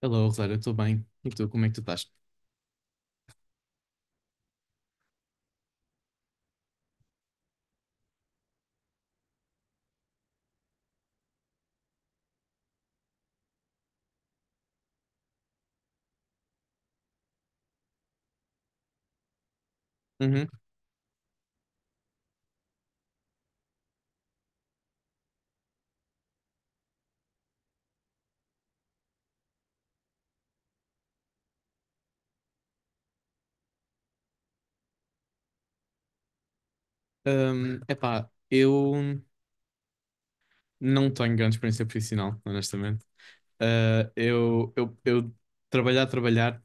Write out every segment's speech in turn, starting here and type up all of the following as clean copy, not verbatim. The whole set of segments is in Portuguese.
Hello, Rosário, eu estou bem. E tu, como é que tu estás? Uhum. Epá, eu não tenho grande experiência profissional, honestamente. Eu trabalhar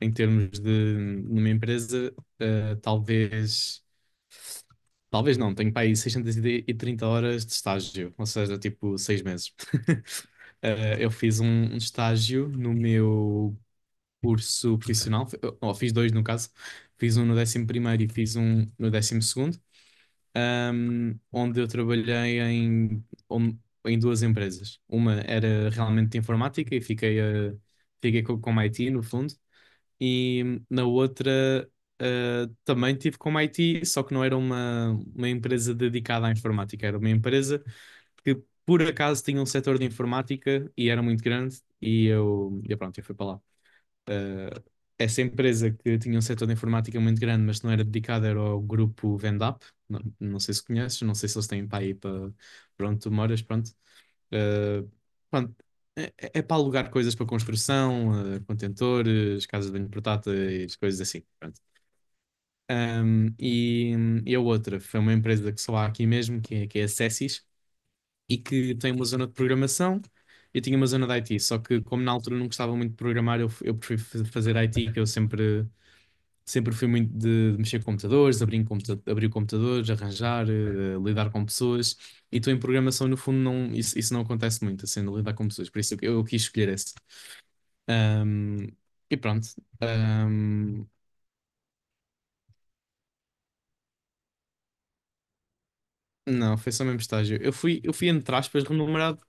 em termos de numa empresa, talvez. Talvez não, tenho para aí 630 horas de estágio, ou seja, tipo 6 meses. Eu fiz um estágio no meu curso profissional, ou fiz dois no caso, fiz um no 11.º e fiz um no 12.º, onde eu trabalhei em duas empresas. Uma era realmente de informática e fiquei, fiquei com IT no fundo, e na outra também tive como IT, só que não era uma empresa dedicada à informática, era uma empresa que por acaso tinha um setor de informática e era muito grande e e pronto, eu fui para lá. Uh, essa empresa que tinha um setor de informática muito grande, mas não era dedicada, era ao grupo Vendap. Não, não sei se conheces, não sei se eles têm para aí para, onde tu moras, pronto. Uh, pronto, é, é para alugar coisas para construção, contentores, casas de banho portáteis, coisas assim. Pronto. Um, e, e a outra foi uma empresa que só há aqui mesmo, que é a Cessis, e que tem uma zona de programação. Eu tinha uma zona de IT, só que como na altura não gostava muito de programar, eu prefiro fazer IT, que eu sempre fui muito de mexer com computadores, abrir, em computa abrir computadores, arranjar, lidar com pessoas. E tu em programação, no fundo, não, isso não acontece muito, assim, de lidar com pessoas. Por isso eu quis escolher esse. Ahm, e pronto. Ahm, não, foi só o mesmo estágio. Eu fui, entre aspas, remunerado.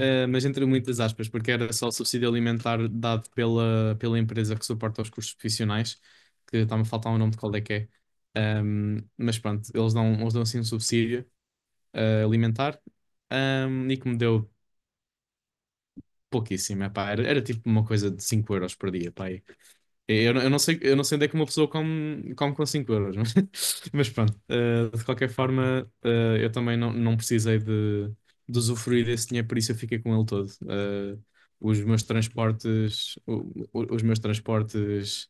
Mas entre muitas aspas, porque era só o subsídio alimentar dado pela empresa que suporta os custos profissionais, que está-me a faltar o nome de qual é que é. Mas pronto, eles dão assim um subsídio alimentar, e que me deu pouquíssimo, epá, era tipo uma coisa de 5 euros por dia, pá, eu não sei onde é que uma pessoa come, come com 5 euros, mas, mas pronto. De qualquer forma, eu também não precisei de usufruir desse dinheiro, por isso eu fiquei com ele todo. Os meus transportes, os meus transportes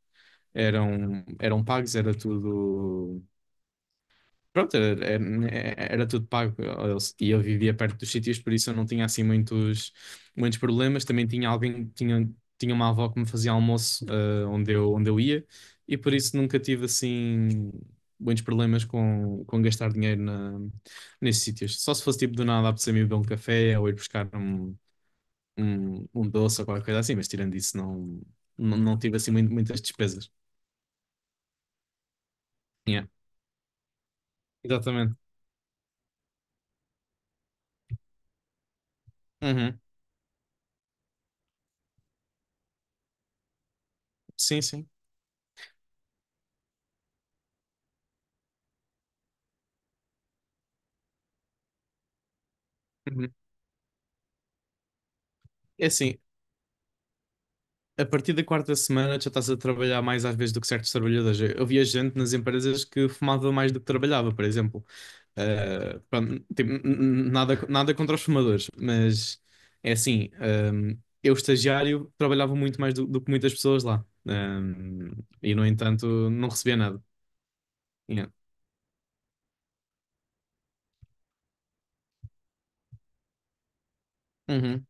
eram pagos, era tudo. Pronto, era tudo pago. E eu vivia perto dos sítios, por isso eu não tinha assim muitos problemas. Também tinha alguém, tinha uma avó que me fazia almoço, onde eu ia, e por isso nunca tive assim muitos problemas com gastar dinheiro nesses sítios. Só se fosse tipo do nada apetecer-me ir beber um café ou ir buscar um, um doce ou qualquer coisa assim, mas tirando isso, não tive assim muitas despesas. Yeah, exatamente. Uhum. Sim, sim. Uhum. É assim, a partir da quarta semana já estás a trabalhar mais às vezes do que certos trabalhadores. Eu via gente nas empresas que fumava mais do que trabalhava, por exemplo. Pronto, tipo, nada contra os fumadores, mas é assim, eu estagiário trabalhava muito mais do que muitas pessoas lá. E no entanto não recebia nada. Yeah. Uhum,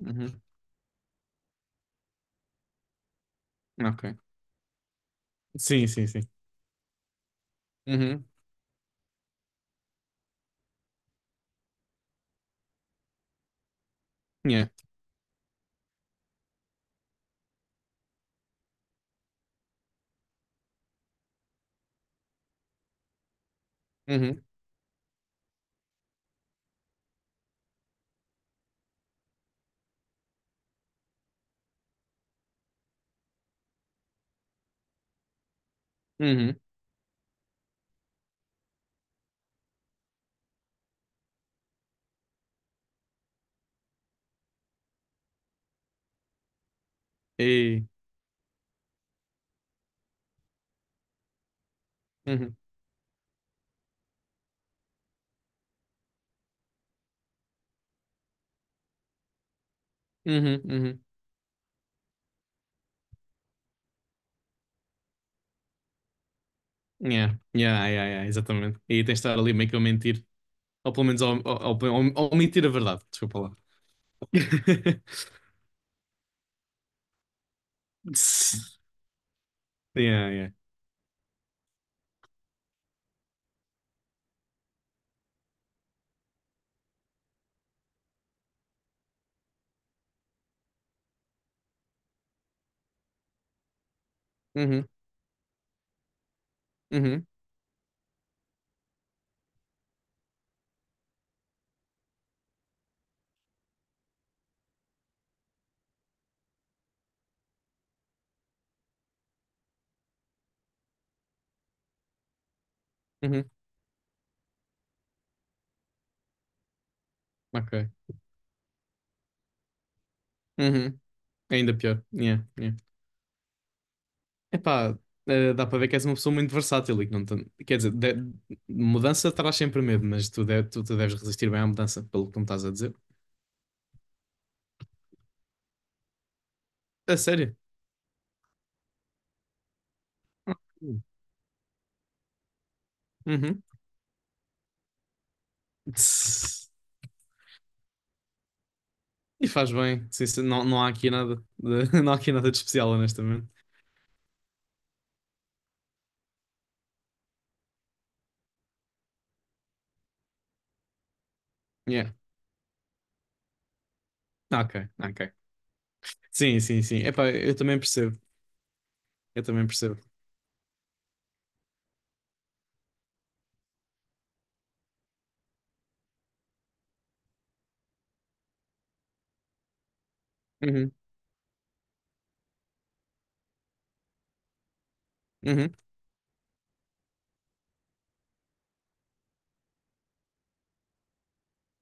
uhum, ok. Sim, sim, sim. Uhum, yeah. Uhum, uhum, e, uhum, uhum, uhum. Yeah, yeah, yeah, yeah, exatamente. E aí tens de estar ali meio que a mentir, ou pelo menos ao mentir a verdade, desculpa lá. Yeah, yeah. Uhum, uhum, uhum, ok. Uhum, ainda pior. Yeah, yeah. Epá, dá para ver que és uma pessoa muito versátil e que não tem. Quer dizer, mudança traz sempre medo, mas tu deves resistir bem à mudança, pelo que tu me estás a dizer. A sério? Uhum. Uhum. Tss. E faz bem. Sim, sim, não, não há aqui nada de, não há aqui nada de especial, honestamente. Yeah. Ok, ok. Sim, sim, sim. Epá, eu também percebo. Eu também percebo. Uhum, uhum,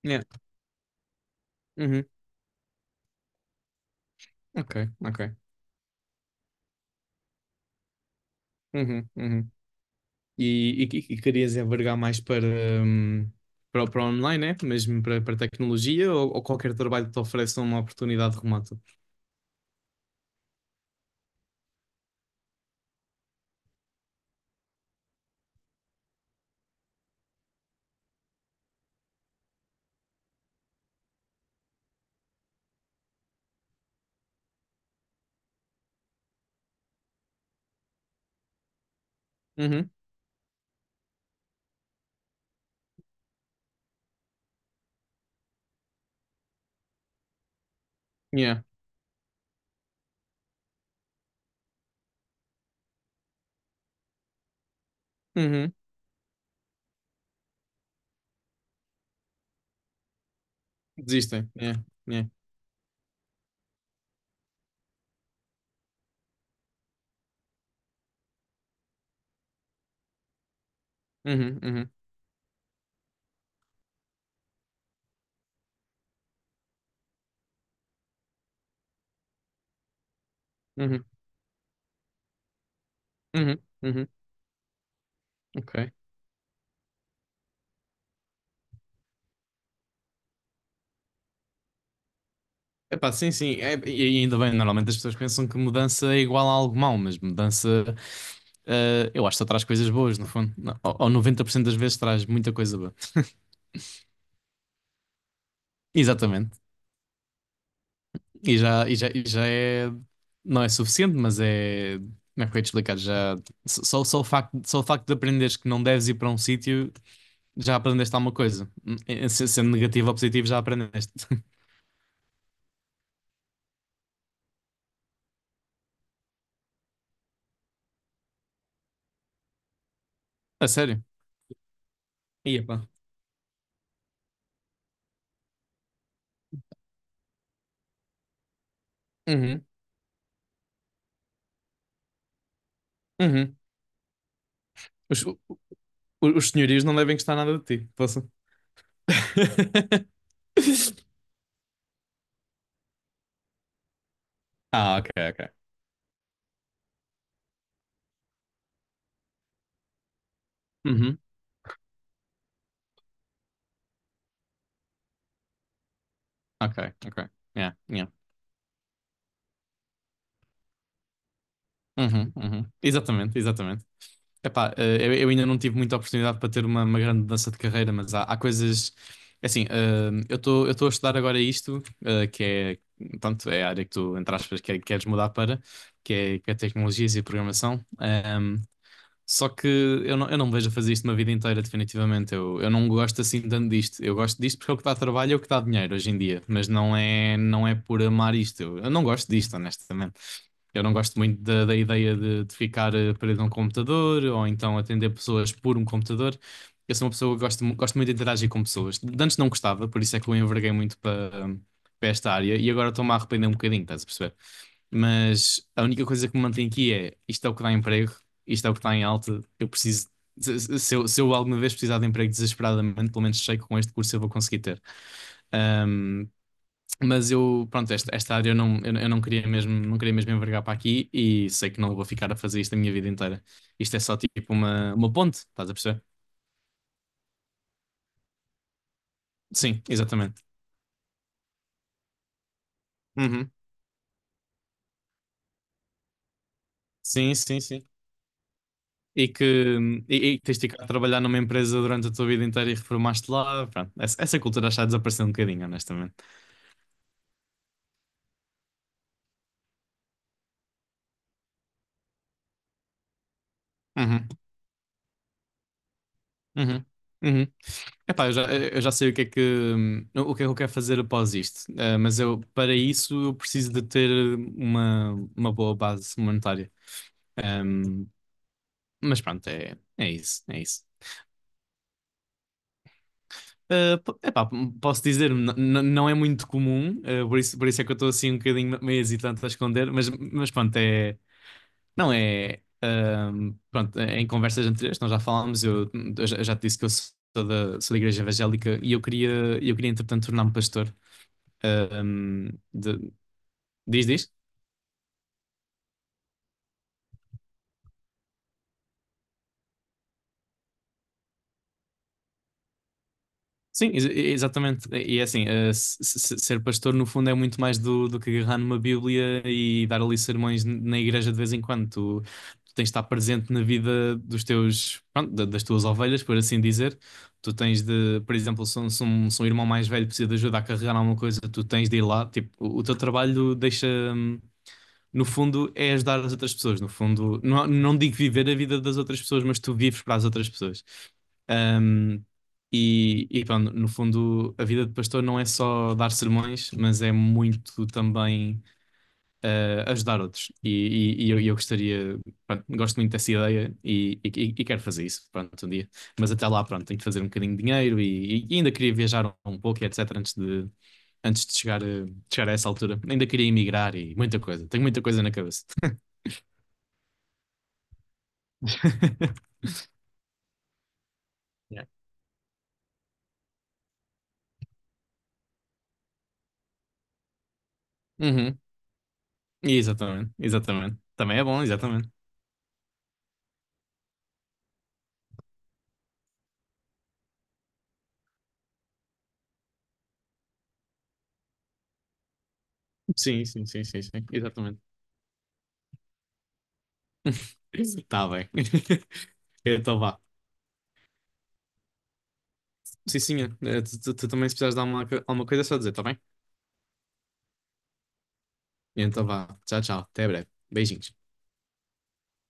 yeah, uhum, ok, ok. Uhum, uhum. E querias envergar mais hum, para o online, né? Mesmo para tecnologia ou qualquer trabalho que te ofereça uma oportunidade remota? Uhum, yeah, uhum. Desistem, yeah, yeah. Uhum, uhum, uhum, uhum, uhum. Ok. Epá, sim, sim. É, e ainda bem, normalmente as pessoas pensam que mudança é igual a algo mau, mas mudança, eu acho que só traz coisas boas, no fundo. Não, ou 90% das vezes traz muita coisa boa. Exatamente. E já é. Não é suficiente, mas é. Como é que eu ia te explicar? Já, só o facto de aprenderes que não deves ir para um sítio, já aprendeste alguma coisa. Sendo negativo ou positivo, já aprendeste. A sério. E epá. Uhum, uhum. Os, os senhorios não devem gostar nada de ti. Posso? Ah, ok, ok. Uhum, ok, ok. Yeah, yeah. Uhum, uhum. Exatamente, exatamente. Epá, eu ainda não tive muita oportunidade para ter uma grande mudança de carreira, mas há coisas. É assim, eu estou a estudar agora isto, que é. Tanto é a área que tu, entre aspas, que, é, queres mudar para, que é tecnologias e programação. Só que eu não me vejo a fazer isto uma vida inteira, definitivamente. Eu não gosto assim tanto disto. Eu gosto disto porque é o que dá trabalho, é o que dá dinheiro hoje em dia. Mas não é por amar isto. Eu não gosto disto, honestamente. Eu não gosto muito da ideia de ficar preso a um computador ou então atender pessoas por um computador. Eu sou uma pessoa que gosto, gosto muito de interagir com pessoas. De Antes não gostava, por isso é que eu enverguei muito para esta área e agora estou-me a arrepender um bocadinho, estás a perceber? Mas a única coisa que me mantém aqui é isto, é o que dá emprego, isto é o que está em alta. Eu preciso, se eu alguma vez precisar de emprego desesperadamente, pelo menos sei que com este curso eu vou conseguir ter. Ahm, mas eu, pronto, esta área eu não queria mesmo, não queria mesmo envergar para aqui e sei que não vou ficar a fazer isto a minha vida inteira. Isto é só tipo uma ponte, estás a perceber? Sim, exatamente. Uhum. Sim, sim, sim. E que e tens de ficar a trabalhar numa empresa durante a tua vida inteira e reformaste lá. Pronto, essa cultura está a um bocadinho, honestamente. Uhum, uhum, uhum. Epá, eu já sei o que é que, o que é que eu quero fazer após isto. Mas eu, para isso eu preciso de ter uma boa base monetária. Hum, mas pronto, é isso, é isso. Epá, posso dizer, não é muito comum, por isso é que eu estou assim um bocadinho meio hesitante a esconder, mas pronto, é. Não é. Pronto, é, em conversas anteriores, nós já falámos, eu já te disse que eu sou da Igreja Evangélica e eu queria entretanto, tornar-me pastor. Ahm, de- diz, diz? Sim, exatamente. E é assim, ser pastor no fundo é muito mais do que agarrar numa Bíblia e dar ali sermões na igreja de vez em quando. Tu tens de estar presente na vida dos teus, pronto, das tuas ovelhas, por assim dizer. Tu tens de, por exemplo, se um irmão mais velho precisa de ajuda a carregar alguma coisa, tu tens de ir lá. Tipo, o teu trabalho deixa. hum, no fundo, é ajudar as outras pessoas. No fundo, não digo viver a vida das outras pessoas, mas tu vives para as outras pessoas. Um, e pronto, no fundo, a vida de pastor não é só dar sermões, mas é muito também a ajudar outros. E eu gostaria, pronto, gosto muito dessa ideia e quero fazer isso, pronto, um dia. Mas até lá, pronto, tenho que fazer um bocadinho de dinheiro e ainda queria viajar um pouco e etc. antes de chegar, chegar a essa altura. Ainda queria emigrar e muita coisa. Tenho muita coisa na cabeça. Yeah. Uhum. Exatamente, exatamente. Também é bom, exatamente. Sim, sim, sim, sim, sim, exatamente. Está bem. Então vá. Sim, sim, tu também se precisares de alguma coisa, é só dizer, tá bem? Então vá. Tchau, tchau. Até breve. Beijinhos.